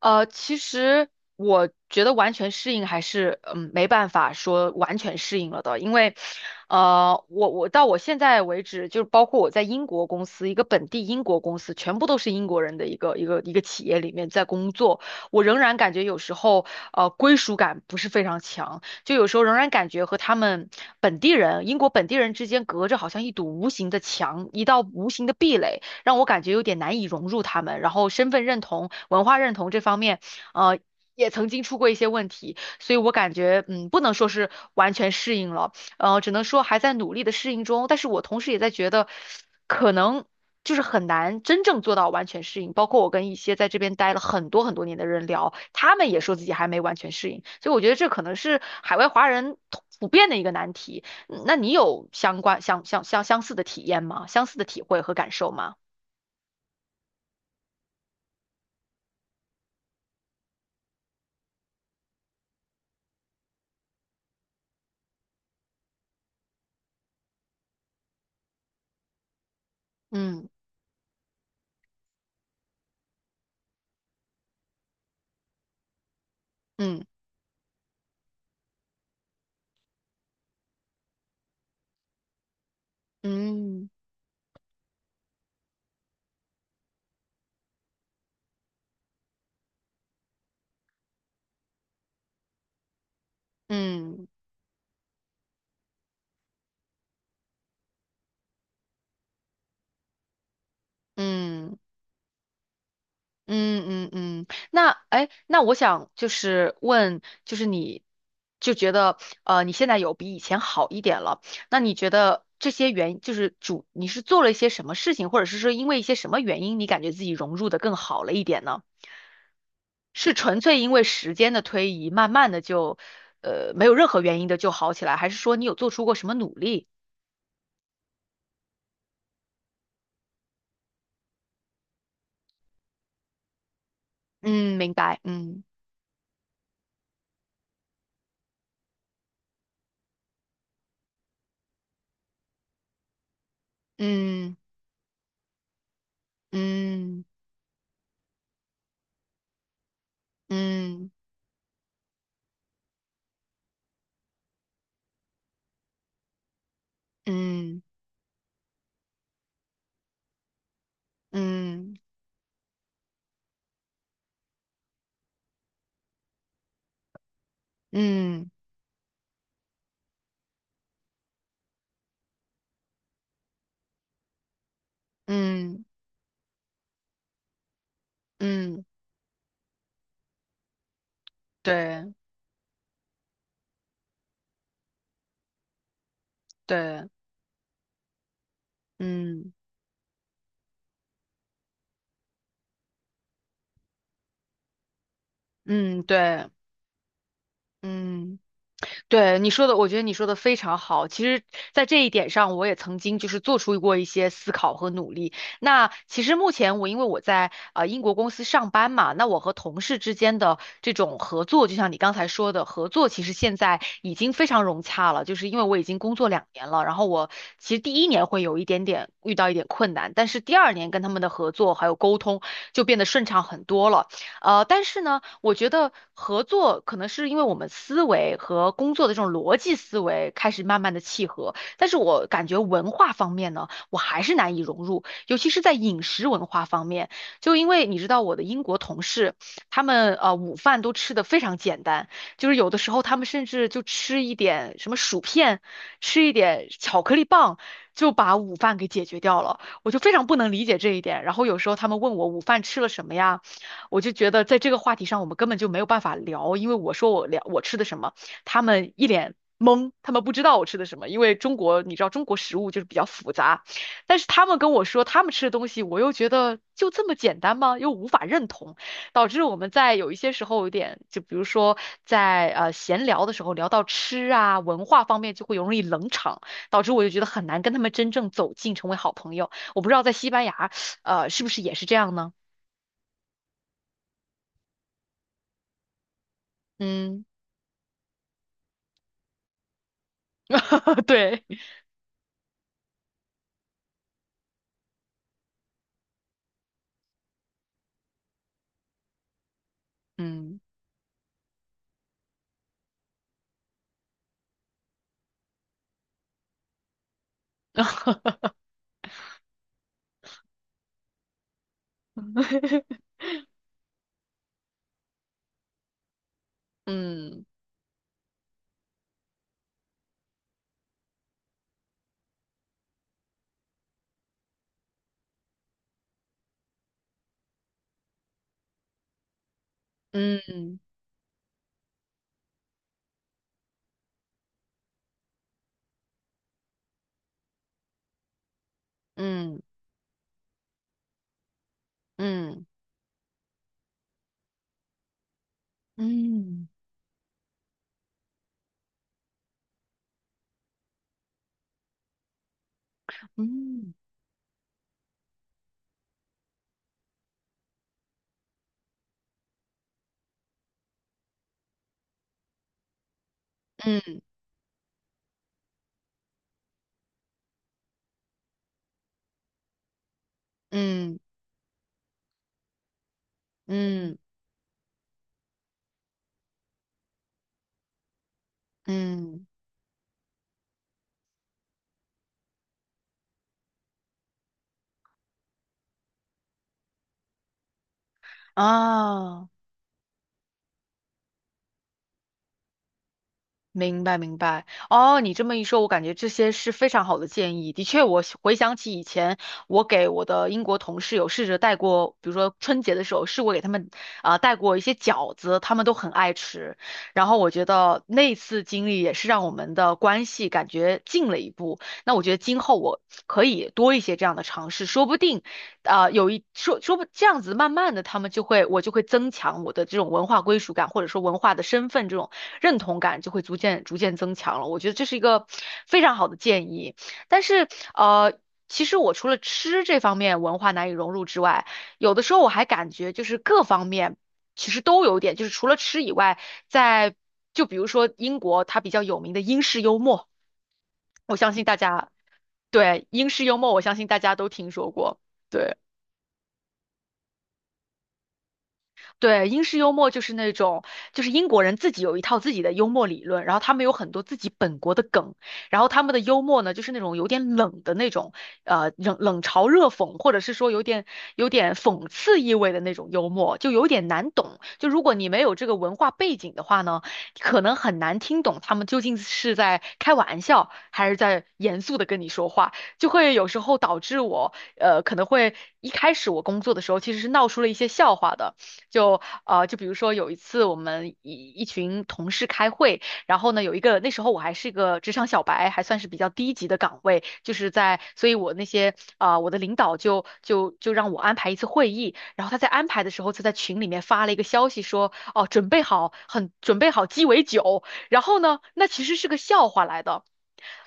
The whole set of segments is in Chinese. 其实我觉得完全适应还是没办法说完全适应了的，因为我到我现在为止，就是包括我在英国公司一个本地英国公司，全部都是英国人的一个企业里面在工作，我仍然感觉有时候归属感不是非常强，就有时候仍然感觉和他们本地人英国本地人之间隔着好像一堵无形的墙，一道无形的壁垒。让我感觉有点难以融入他们。然后身份认同、文化认同这方面，呃，也曾经出过一些问题，所以我感觉，不能说是完全适应了，只能说还在努力的适应中。但是我同时也在觉得，可能。就是很难真正做到完全适应，包括我跟一些在这边待了很多很多年的人聊，他们也说自己还没完全适应，所以我觉得这可能是海外华人普遍的一个难题。那你有相关相相相相似的体验吗？相似的体会和感受吗？嗯嗯嗯嗯嗯嗯嗯嗯，那哎，那我想就是问，就是你就觉得你现在有比以前好一点了，那你觉得这些原就是主，你是做了一些什么事情，或者是说因为一些什么原因，你感觉自己融入的更好了一点呢？是纯粹因为时间的推移，慢慢的就没有任何原因的就好起来，还是说你有做出过什么努力？嗯，明白，嗯嗯嗯。嗯嗯嗯嗯嗯嗯，嗯对对，嗯嗯对，嗯。对你说的，我觉得你说的非常好。其实，在这一点上，我也曾经就是做出过一些思考和努力。那其实目前我因为我在英国公司上班嘛，那我和同事之间的这种合作，就像你刚才说的，合作其实现在已经非常融洽了。就是因为我已经工作2年了，然后我其实第一年会有一点点遇到一点困难，但是第二年跟他们的合作还有沟通就变得顺畅很多了。但是呢。我觉得合作可能是因为我们思维和工作的这种逻辑思维开始慢慢的契合，但是我感觉文化方面呢，我还是难以融入，尤其是在饮食文化方面，就因为你知道我的英国同事，他们午饭都吃的非常简单，就是有的时候他们甚至就吃一点什么薯片，吃一点巧克力棒。就把午饭给解决掉了，我就非常不能理解这一点。然后有时候他们问我午饭吃了什么呀？我就觉得在这个话题上，我们根本就没有办法聊，因为我说我聊我吃的什么，他们一脸懵，他们不知道我吃的什么。因为中国，你知道中国食物就是比较复杂，但是他们跟我说他们吃的东西，我又觉得就这么简单吗？又无法认同，导致我们在有一些时候有点，就比如说在闲聊的时候聊到吃啊文化方面，就会容易冷场，导致我就觉得很难跟他们真正走近成为好朋友。我不知道在西班牙，是不是也是这样呢？嗯。对，嗯，嗯嗯嗯嗯嗯嗯嗯嗯嗯嗯啊，哦，明白明白哦，你这么一说，我感觉这些是非常好的建议。的确，我回想起以前，我给我的英国同事有试着带过，比如说春节的时候，试过给他们带过一些饺子，他们都很爱吃。然后我觉得那次经历也是让我们的关系感觉近了一步。那我觉得今后我可以多一些这样的尝试，说不定啊、有一说说不这样子，慢慢的他们就会我就会增强我的这种文化归属感，或者说文化的身份这种。认同感就会逐渐逐渐增强了。我觉得这是一个非常好的建议。但是呃，其实我除了吃这方面文化难以融入之外，有的时候我还感觉就是各方面其实都有点，就是除了吃以外，在就比如说英国它比较有名的英式幽默，我相信大家对英式幽默，我相信大家都听说过。对。对，英式幽默就是那种，就是英国人自己有一套自己的幽默理论，然后他们有很多自己本国的梗，然后他们的幽默呢，就是那种有点冷的那种，冷嘲热讽，或者是说有点讽刺意味的那种幽默，就有点难懂。就如果你没有这个文化背景的话呢，可能很难听懂他们究竟是在开玩笑还是在严肃的跟你说话，就会有时候导致我，可能会一开始我工作的时候其实是闹出了一些笑话的。就就比如说有一次我们一群同事开会，然后呢有一个那时候我还是个职场小白，还算是比较低级的岗位，就是在，所以我那些啊、呃我的领导就让我安排一次会议，然后他在安排的时候就在群里面发了一个消息说，哦，准备好鸡尾酒，然后呢，那其实是个笑话来的。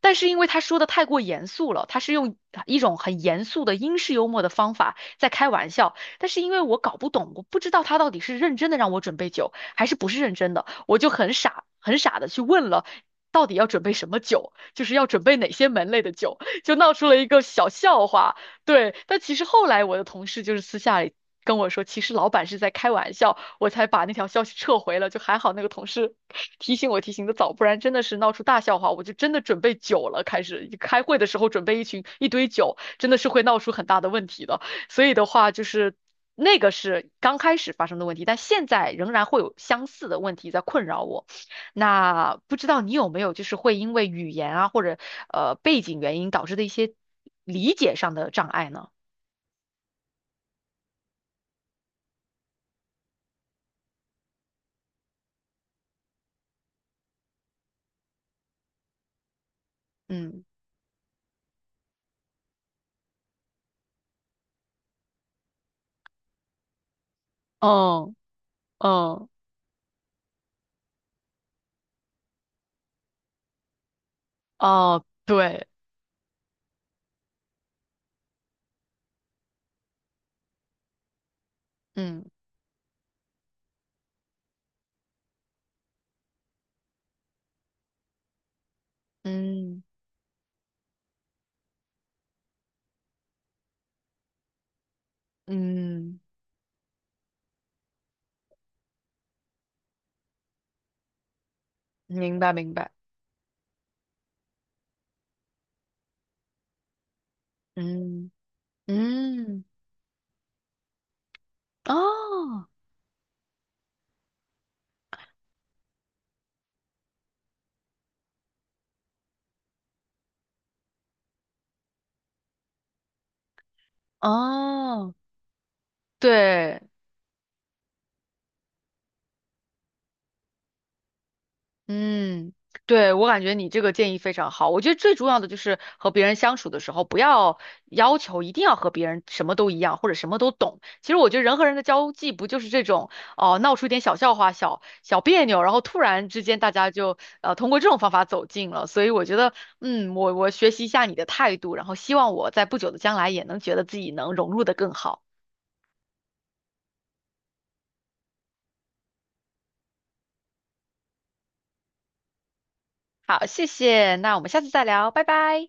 但是因为他说的太过严肃了，他是用一种很严肃的英式幽默的方法在开玩笑，但是因为我搞不懂，我不知道他到底是认真的让我准备酒，还是不是认真的，我就很傻很傻的去问了，到底要准备什么酒，就是要准备哪些门类的酒，就闹出了一个小笑话。对，但其实后来我的同事就是私下里跟我说，其实老板是在开玩笑，我才把那条消息撤回了。就还好那个同事提醒我提醒的早，不然真的是闹出大笑话。我就真的准备酒了，开始开会的时候准备一群一堆酒，真的是会闹出很大的问题的。所以的话，就是那个是刚开始发生的问题，但现在仍然会有相似的问题在困扰我。那不知道你有没有就是会因为语言啊或者背景原因导致的一些理解上的障碍呢？嗯，嗯嗯哦，对，嗯嗯嗯，明白明白，嗯嗯哦哦，对嗯，对，我感觉你这个建议非常好。我觉得最重要的就是和别人相处的时候，不要要求一定要和别人什么都一样或者什么都懂。其实我觉得人和人的交际不就是这种哦，闹出一点小笑话、小小别扭，然后突然之间大家就通过这种方法走近了。所以我觉得，我学习一下你的态度，然后希望我在不久的将来也能觉得自己能融入的更好。好，谢谢，那我们下次再聊，拜拜。